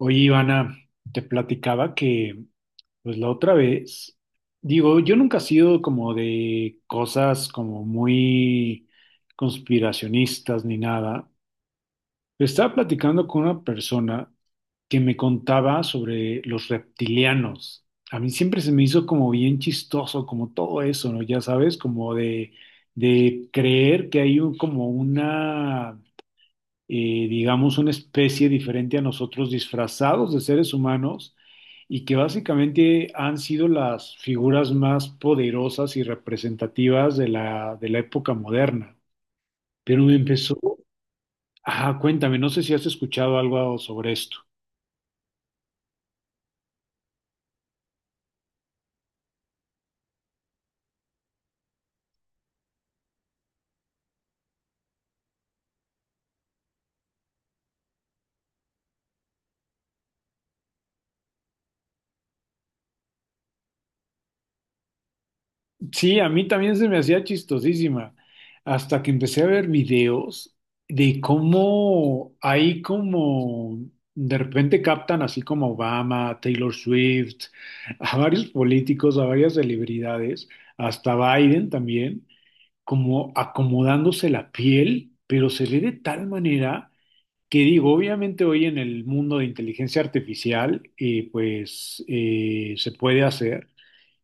Oye, Ivana, te platicaba que, pues la otra vez, digo, yo nunca he sido como de cosas como muy conspiracionistas ni nada. Estaba platicando con una persona que me contaba sobre los reptilianos. A mí siempre se me hizo como bien chistoso, como todo eso, ¿no? Ya sabes, como de creer que hay como una digamos, una especie diferente a nosotros, disfrazados de seres humanos, y que básicamente han sido las figuras más poderosas y representativas de la época moderna. Pero me empezó, ah, cuéntame, no sé si has escuchado algo sobre esto. Sí, a mí también se me hacía chistosísima, hasta que empecé a ver videos de cómo hay como, de repente captan así como a Obama, a Taylor Swift, a varios políticos, a varias celebridades, hasta Biden también, como acomodándose la piel, pero se ve de tal manera que digo, obviamente hoy en el mundo de inteligencia artificial, pues se puede hacer.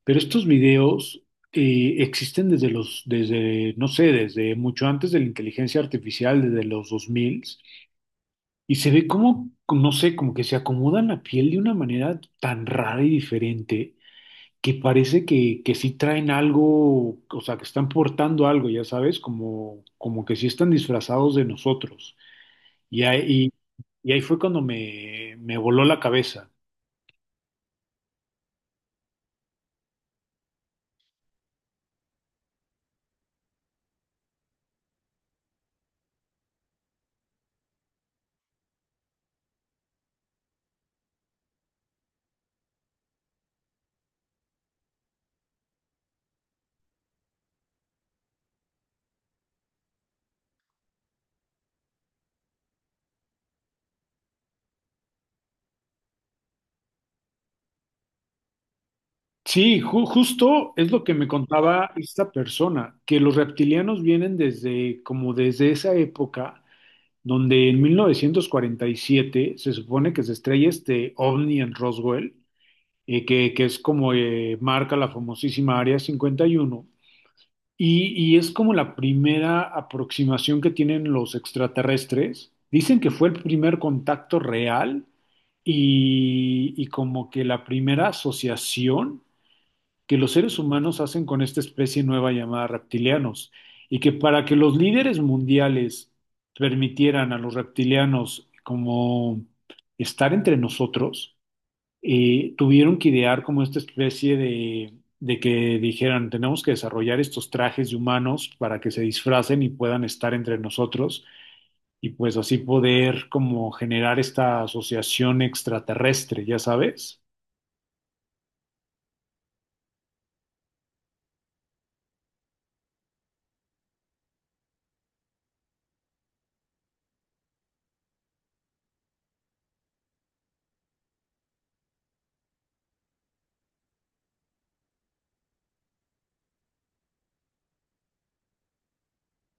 Pero estos videos existen desde, no sé, desde mucho antes de la inteligencia artificial, desde los 2000, y se ve como, no sé, como que se acomodan la piel de una manera tan rara y diferente que parece que sí traen algo, o sea, que están portando algo, ya sabes, como, como que sí están disfrazados de nosotros. Y ahí, y ahí fue cuando me voló la cabeza. Sí, justo es lo que me contaba esta persona, que los reptilianos vienen desde, como desde esa época, donde en 1947 se supone que se estrella este ovni en Roswell, que es como marca la famosísima Área 51, y, uno, y es como la primera aproximación que tienen los extraterrestres. Dicen que fue el primer contacto real y como que la primera asociación que los seres humanos hacen con esta especie nueva llamada reptilianos, y que para que los líderes mundiales permitieran a los reptilianos como estar entre nosotros, tuvieron que idear como esta especie de que dijeran, tenemos que desarrollar estos trajes de humanos para que se disfracen y puedan estar entre nosotros y pues así poder como generar esta asociación extraterrestre, ya sabes.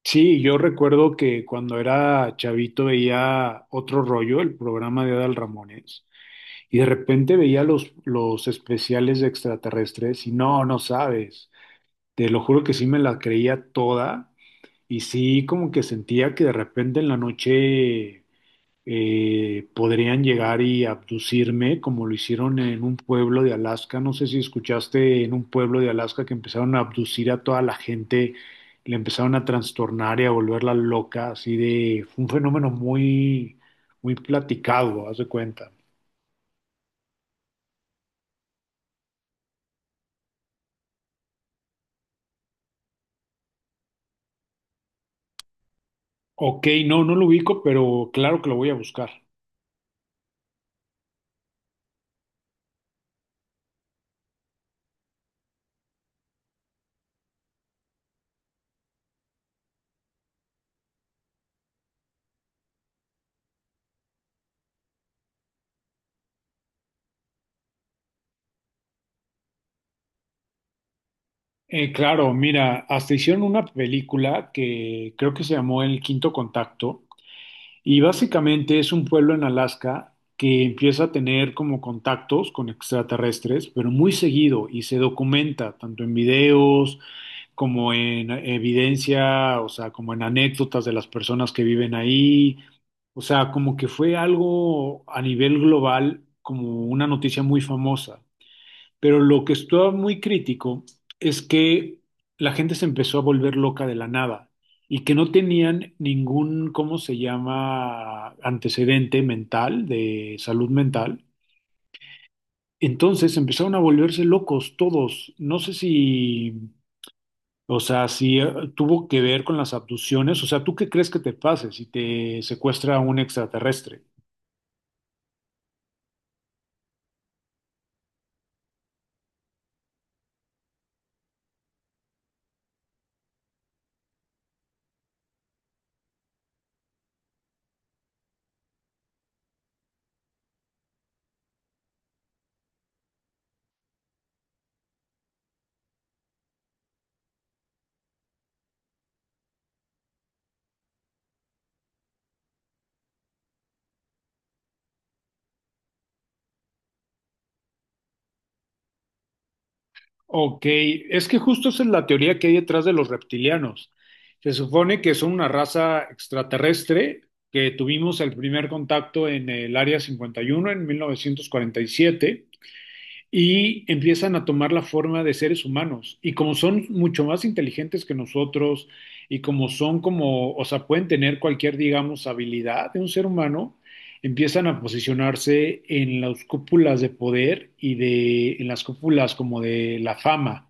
Sí, yo recuerdo que cuando era chavito veía otro rollo, el programa de Adal Ramones, y de repente veía los especiales de extraterrestres y no, no sabes, te lo juro que sí me la creía toda y sí como que sentía que de repente en la noche podrían llegar y abducirme como lo hicieron en un pueblo de Alaska. No sé si escuchaste en un pueblo de Alaska que empezaron a abducir a toda la gente, le empezaron a trastornar y a volverla loca, así de, fue un fenómeno muy, muy platicado, haz de cuenta. Ok, no, no lo ubico, pero claro que lo voy a buscar. Claro, mira, hasta hicieron una película que creo que se llamó El Quinto Contacto. Y básicamente es un pueblo en Alaska que empieza a tener como contactos con extraterrestres, pero muy seguido y se documenta tanto en videos como en evidencia, o sea, como en anécdotas de las personas que viven ahí. O sea, como que fue algo a nivel global, como una noticia muy famosa. Pero lo que estuvo muy crítico es que la gente se empezó a volver loca de la nada y que no tenían ningún, ¿cómo se llama?, antecedente mental, de salud mental. Entonces empezaron a volverse locos todos. No sé si, o sea, si tuvo que ver con las abducciones. O sea, ¿tú qué crees que te pase si te secuestra un extraterrestre? Ok, es que justo esa es la teoría que hay detrás de los reptilianos. Se supone que son una raza extraterrestre que tuvimos el primer contacto en el Área 51 en 1947 y siete y empiezan a tomar la forma de seres humanos. Y como son mucho más inteligentes que nosotros y como son como, o sea, pueden tener cualquier, digamos, habilidad de un ser humano, empiezan a posicionarse en las cúpulas de poder y de, en las cúpulas como de la fama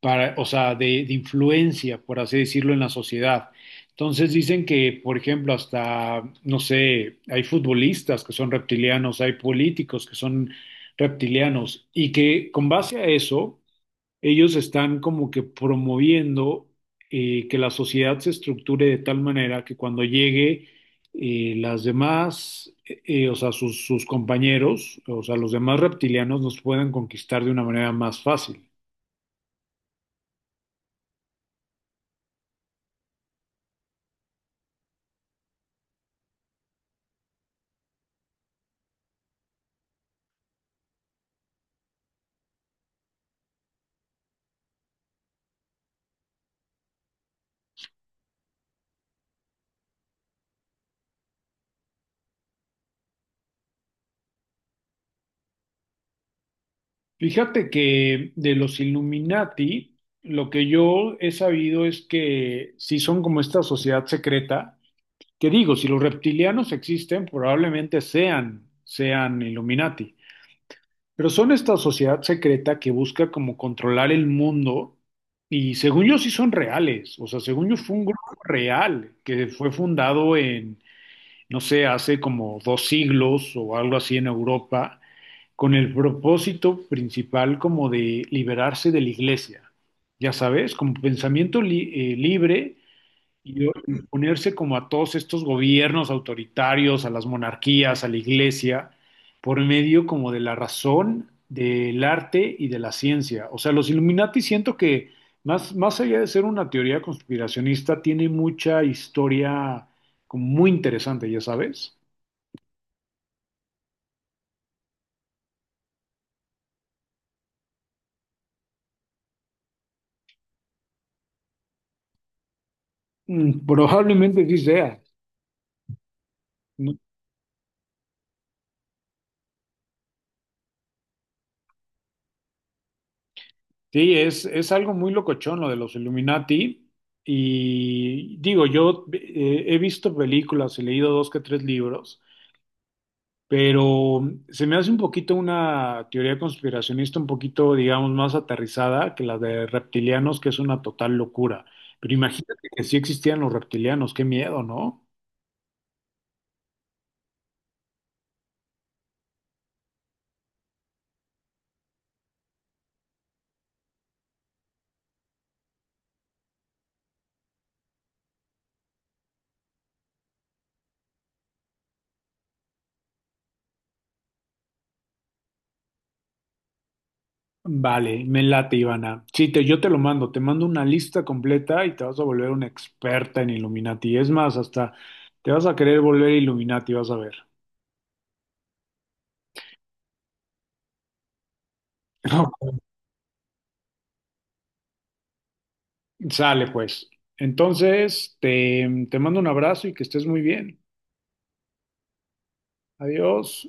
para, o sea, de, influencia, por así decirlo, en la sociedad. Entonces dicen que, por ejemplo, hasta, no sé, hay futbolistas que son reptilianos, hay políticos que son reptilianos, y que con base a eso, ellos están como que promoviendo que la sociedad se estructure de tal manera que cuando llegue las demás, o sea, sus compañeros, o sea, los demás reptilianos nos puedan conquistar de una manera más fácil. Fíjate que de los Illuminati, lo que yo he sabido es que sí son como esta sociedad secreta, que digo, si los reptilianos existen, probablemente sean Illuminati, pero son esta sociedad secreta que busca como controlar el mundo y según yo sí son reales, o sea, según yo fue un grupo real que fue fundado en, no sé, hace como dos siglos o algo así en Europa con el propósito principal como de liberarse de la iglesia, ya sabes, como pensamiento libre y ponerse como a todos estos gobiernos autoritarios, a las monarquías, a la iglesia, por medio como de la razón, del arte y de la ciencia. O sea, los Illuminati siento que más allá de ser una teoría conspiracionista, tiene mucha historia como muy interesante, ya sabes. Mm. Probablemente sí sea. ¿No? Sí, es algo muy locochón lo de los Illuminati. Y digo, yo he visto películas, he leído dos que tres libros, pero se me hace un poquito una teoría conspiracionista, un poquito, digamos, más aterrizada que la de reptilianos, que es una total locura. Pero imagínate que sí existían los reptilianos, qué miedo, ¿no? Vale, me late, Ivana. Sí, yo te lo mando, te mando una lista completa y te vas a volver una experta en Illuminati. Es más, hasta te vas a querer volver Illuminati, vas a ver. Sale, pues. Entonces, te mando un abrazo y que estés muy bien. Adiós.